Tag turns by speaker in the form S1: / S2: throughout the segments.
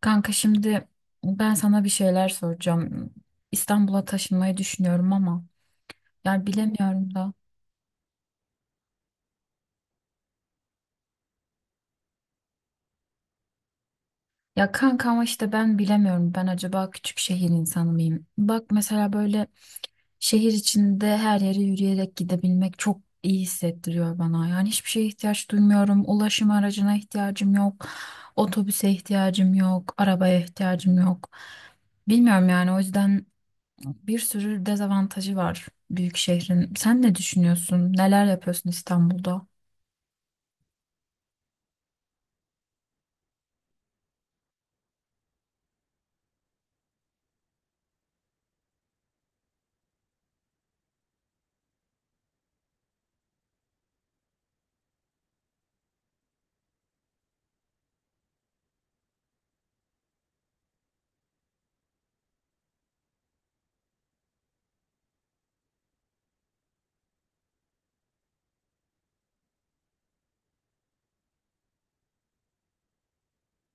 S1: Kanka şimdi ben sana bir şeyler soracağım. İstanbul'a taşınmayı düşünüyorum ama yani bilemiyorum da. Ya kanka ama işte ben bilemiyorum. Ben acaba küçük şehir insanı mıyım? Bak mesela böyle şehir içinde her yere yürüyerek gidebilmek çok iyi hissettiriyor bana. Yani hiçbir şeye ihtiyaç duymuyorum. Ulaşım aracına ihtiyacım yok. Otobüse ihtiyacım yok. Arabaya ihtiyacım yok. Bilmiyorum yani o yüzden. Bir sürü dezavantajı var büyük şehrin. Sen ne düşünüyorsun? Neler yapıyorsun İstanbul'da?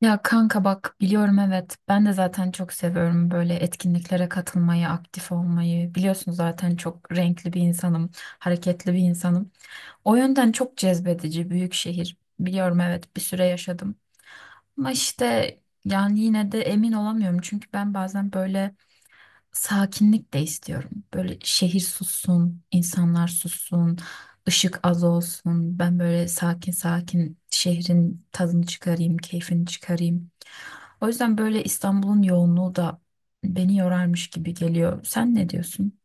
S1: Ya kanka bak biliyorum evet ben de zaten çok seviyorum böyle etkinliklere katılmayı, aktif olmayı. Biliyorsun zaten çok renkli bir insanım, hareketli bir insanım. O yönden çok cezbedici büyük şehir. Biliyorum evet bir süre yaşadım. Ama işte yani yine de emin olamıyorum çünkü ben bazen böyle sakinlik de istiyorum. Böyle şehir sussun, insanlar sussun, ışık az olsun. Ben böyle sakin sakin şehrin tadını çıkarayım, keyfini çıkarayım. O yüzden böyle İstanbul'un yoğunluğu da beni yorarmış gibi geliyor. Sen ne diyorsun?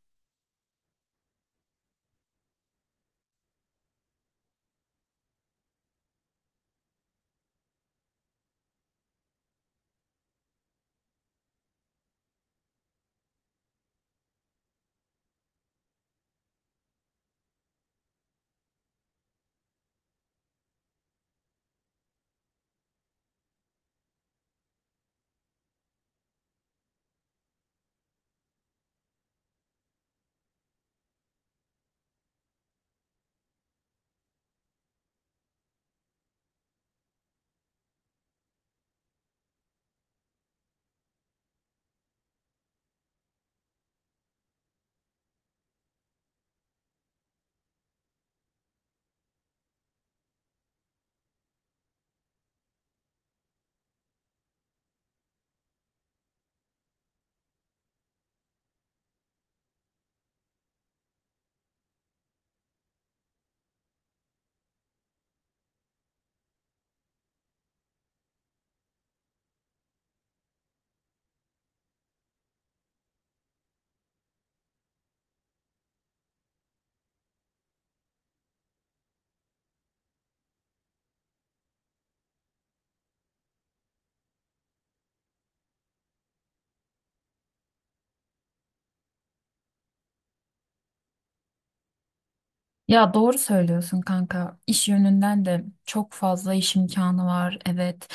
S1: Ya doğru söylüyorsun kanka. İş yönünden de çok fazla iş imkanı var. Evet.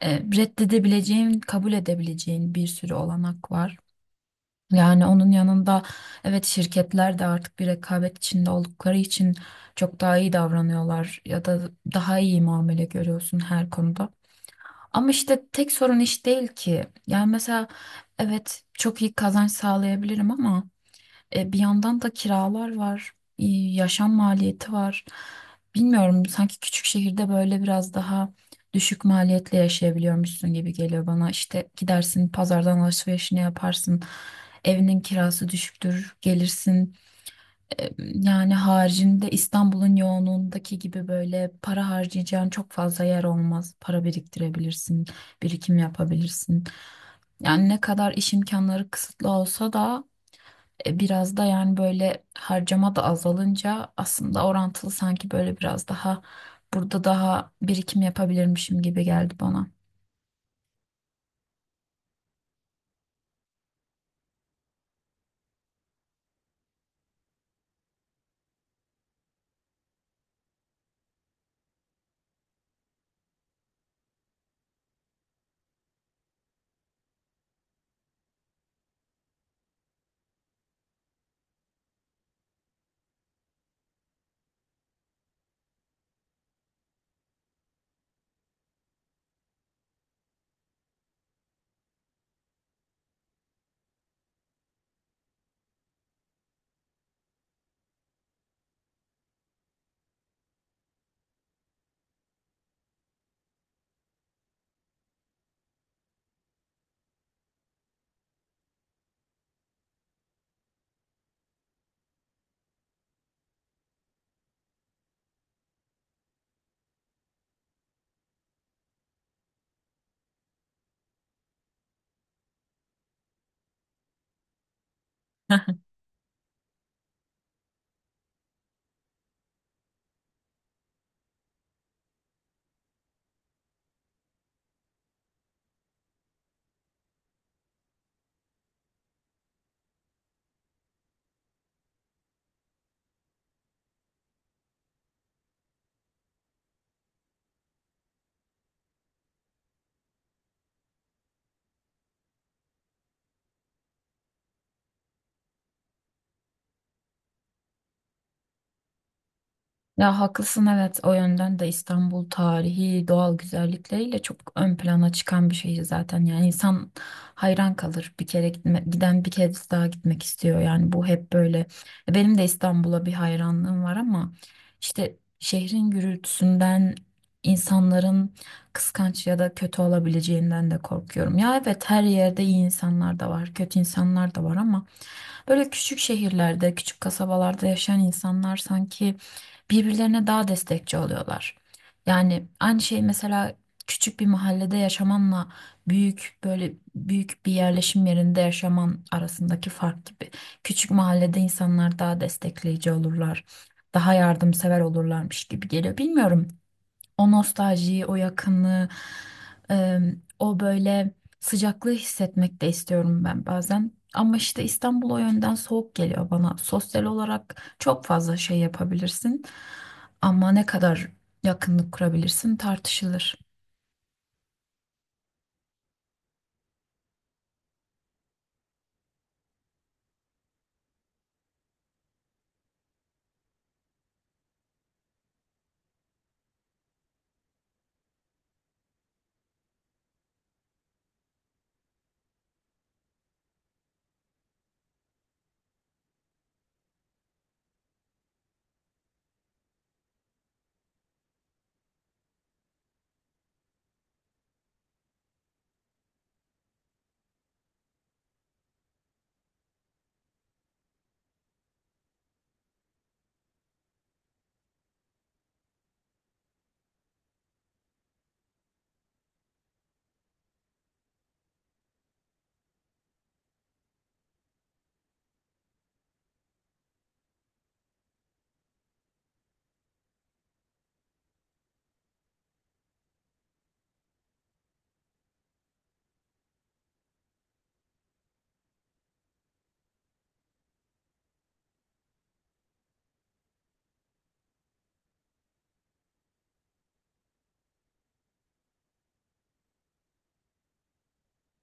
S1: E, reddedebileceğin, kabul edebileceğin bir sürü olanak var. Yani onun yanında evet şirketler de artık bir rekabet içinde oldukları için çok daha iyi davranıyorlar ya da daha iyi muamele görüyorsun her konuda. Ama işte tek sorun iş değil ki. Yani mesela evet çok iyi kazanç sağlayabilirim ama bir yandan da kiralar var, yaşam maliyeti var. Bilmiyorum, sanki küçük şehirde böyle biraz daha düşük maliyetle yaşayabiliyormuşsun gibi geliyor bana. İşte gidersin pazardan alışverişini yaparsın. Evinin kirası düşüktür, gelirsin. E, yani haricinde İstanbul'un yoğunluğundaki gibi böyle para harcayacağın çok fazla yer olmaz. Para biriktirebilirsin, birikim yapabilirsin. Yani ne kadar iş imkanları kısıtlı olsa da biraz da yani böyle harcama da azalınca aslında orantılı sanki böyle biraz daha burada daha birikim yapabilirmişim gibi geldi bana. Ya haklısın evet o yönden de İstanbul tarihi doğal güzellikleriyle çok ön plana çıkan bir şehir zaten yani insan hayran kalır bir kere giden bir kez daha gitmek istiyor yani bu hep böyle benim de İstanbul'a bir hayranlığım var ama işte şehrin gürültüsünden insanların kıskanç ya da kötü olabileceğinden de korkuyorum ya evet her yerde iyi insanlar da var kötü insanlar da var ama böyle küçük şehirlerde, küçük kasabalarda yaşayan insanlar sanki birbirlerine daha destekçi oluyorlar. Yani aynı şey mesela küçük bir mahallede yaşamanla büyük böyle büyük bir yerleşim yerinde yaşaman arasındaki fark gibi. Küçük mahallede insanlar daha destekleyici olurlar, daha yardımsever olurlarmış gibi geliyor. Bilmiyorum. O nostaljiyi, o yakınlığı, e, o böyle sıcaklığı hissetmek de istiyorum ben bazen. Ama işte İstanbul o yönden soğuk geliyor bana. Sosyal olarak çok fazla şey yapabilirsin. Ama ne kadar yakınlık kurabilirsin tartışılır.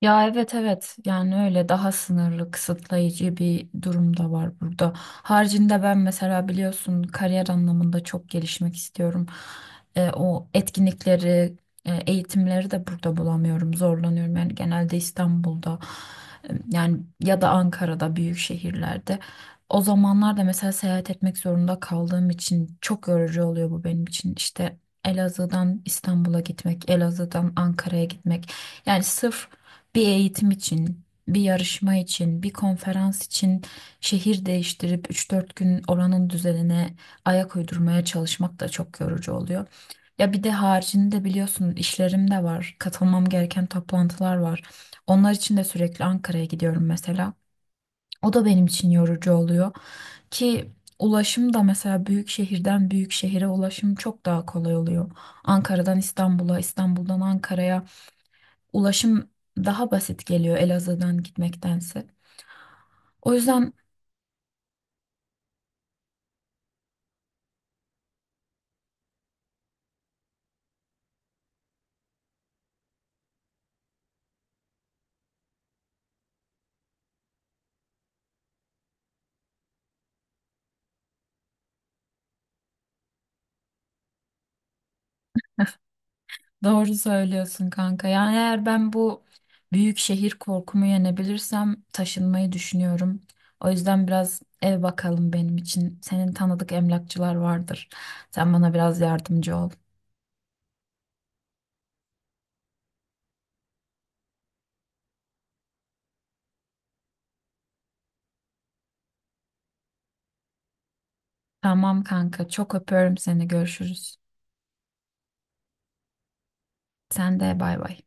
S1: Ya evet evet yani öyle daha sınırlı kısıtlayıcı bir durum da var burada. Haricinde ben mesela biliyorsun kariyer anlamında çok gelişmek istiyorum. E, o etkinlikleri, eğitimleri de burada bulamıyorum, zorlanıyorum. Yani genelde İstanbul'da yani ya da Ankara'da büyük şehirlerde. O zamanlarda mesela seyahat etmek zorunda kaldığım için çok yorucu oluyor bu benim için. İşte Elazığ'dan İstanbul'a gitmek, Elazığ'dan Ankara'ya gitmek. Yani sırf bir eğitim için, bir yarışma için, bir konferans için şehir değiştirip 3 4 gün oranın düzenine ayak uydurmaya çalışmak da çok yorucu oluyor. Ya bir de haricinde biliyorsun işlerim de var. Katılmam gereken toplantılar var. Onlar için de sürekli Ankara'ya gidiyorum mesela. O da benim için yorucu oluyor ki ulaşım da mesela büyük şehirden büyük şehire ulaşım çok daha kolay oluyor. Ankara'dan İstanbul'a, İstanbul'dan Ankara'ya ulaşım daha basit geliyor Elazığ'dan gitmektense. O yüzden doğru söylüyorsun kanka. Yani eğer ben bu büyük şehir korkumu yenebilirsem taşınmayı düşünüyorum. O yüzden biraz ev bakalım benim için. Senin tanıdık emlakçılar vardır. Sen bana biraz yardımcı ol. Tamam kanka, çok öpüyorum seni. Görüşürüz. Sen de bay bay.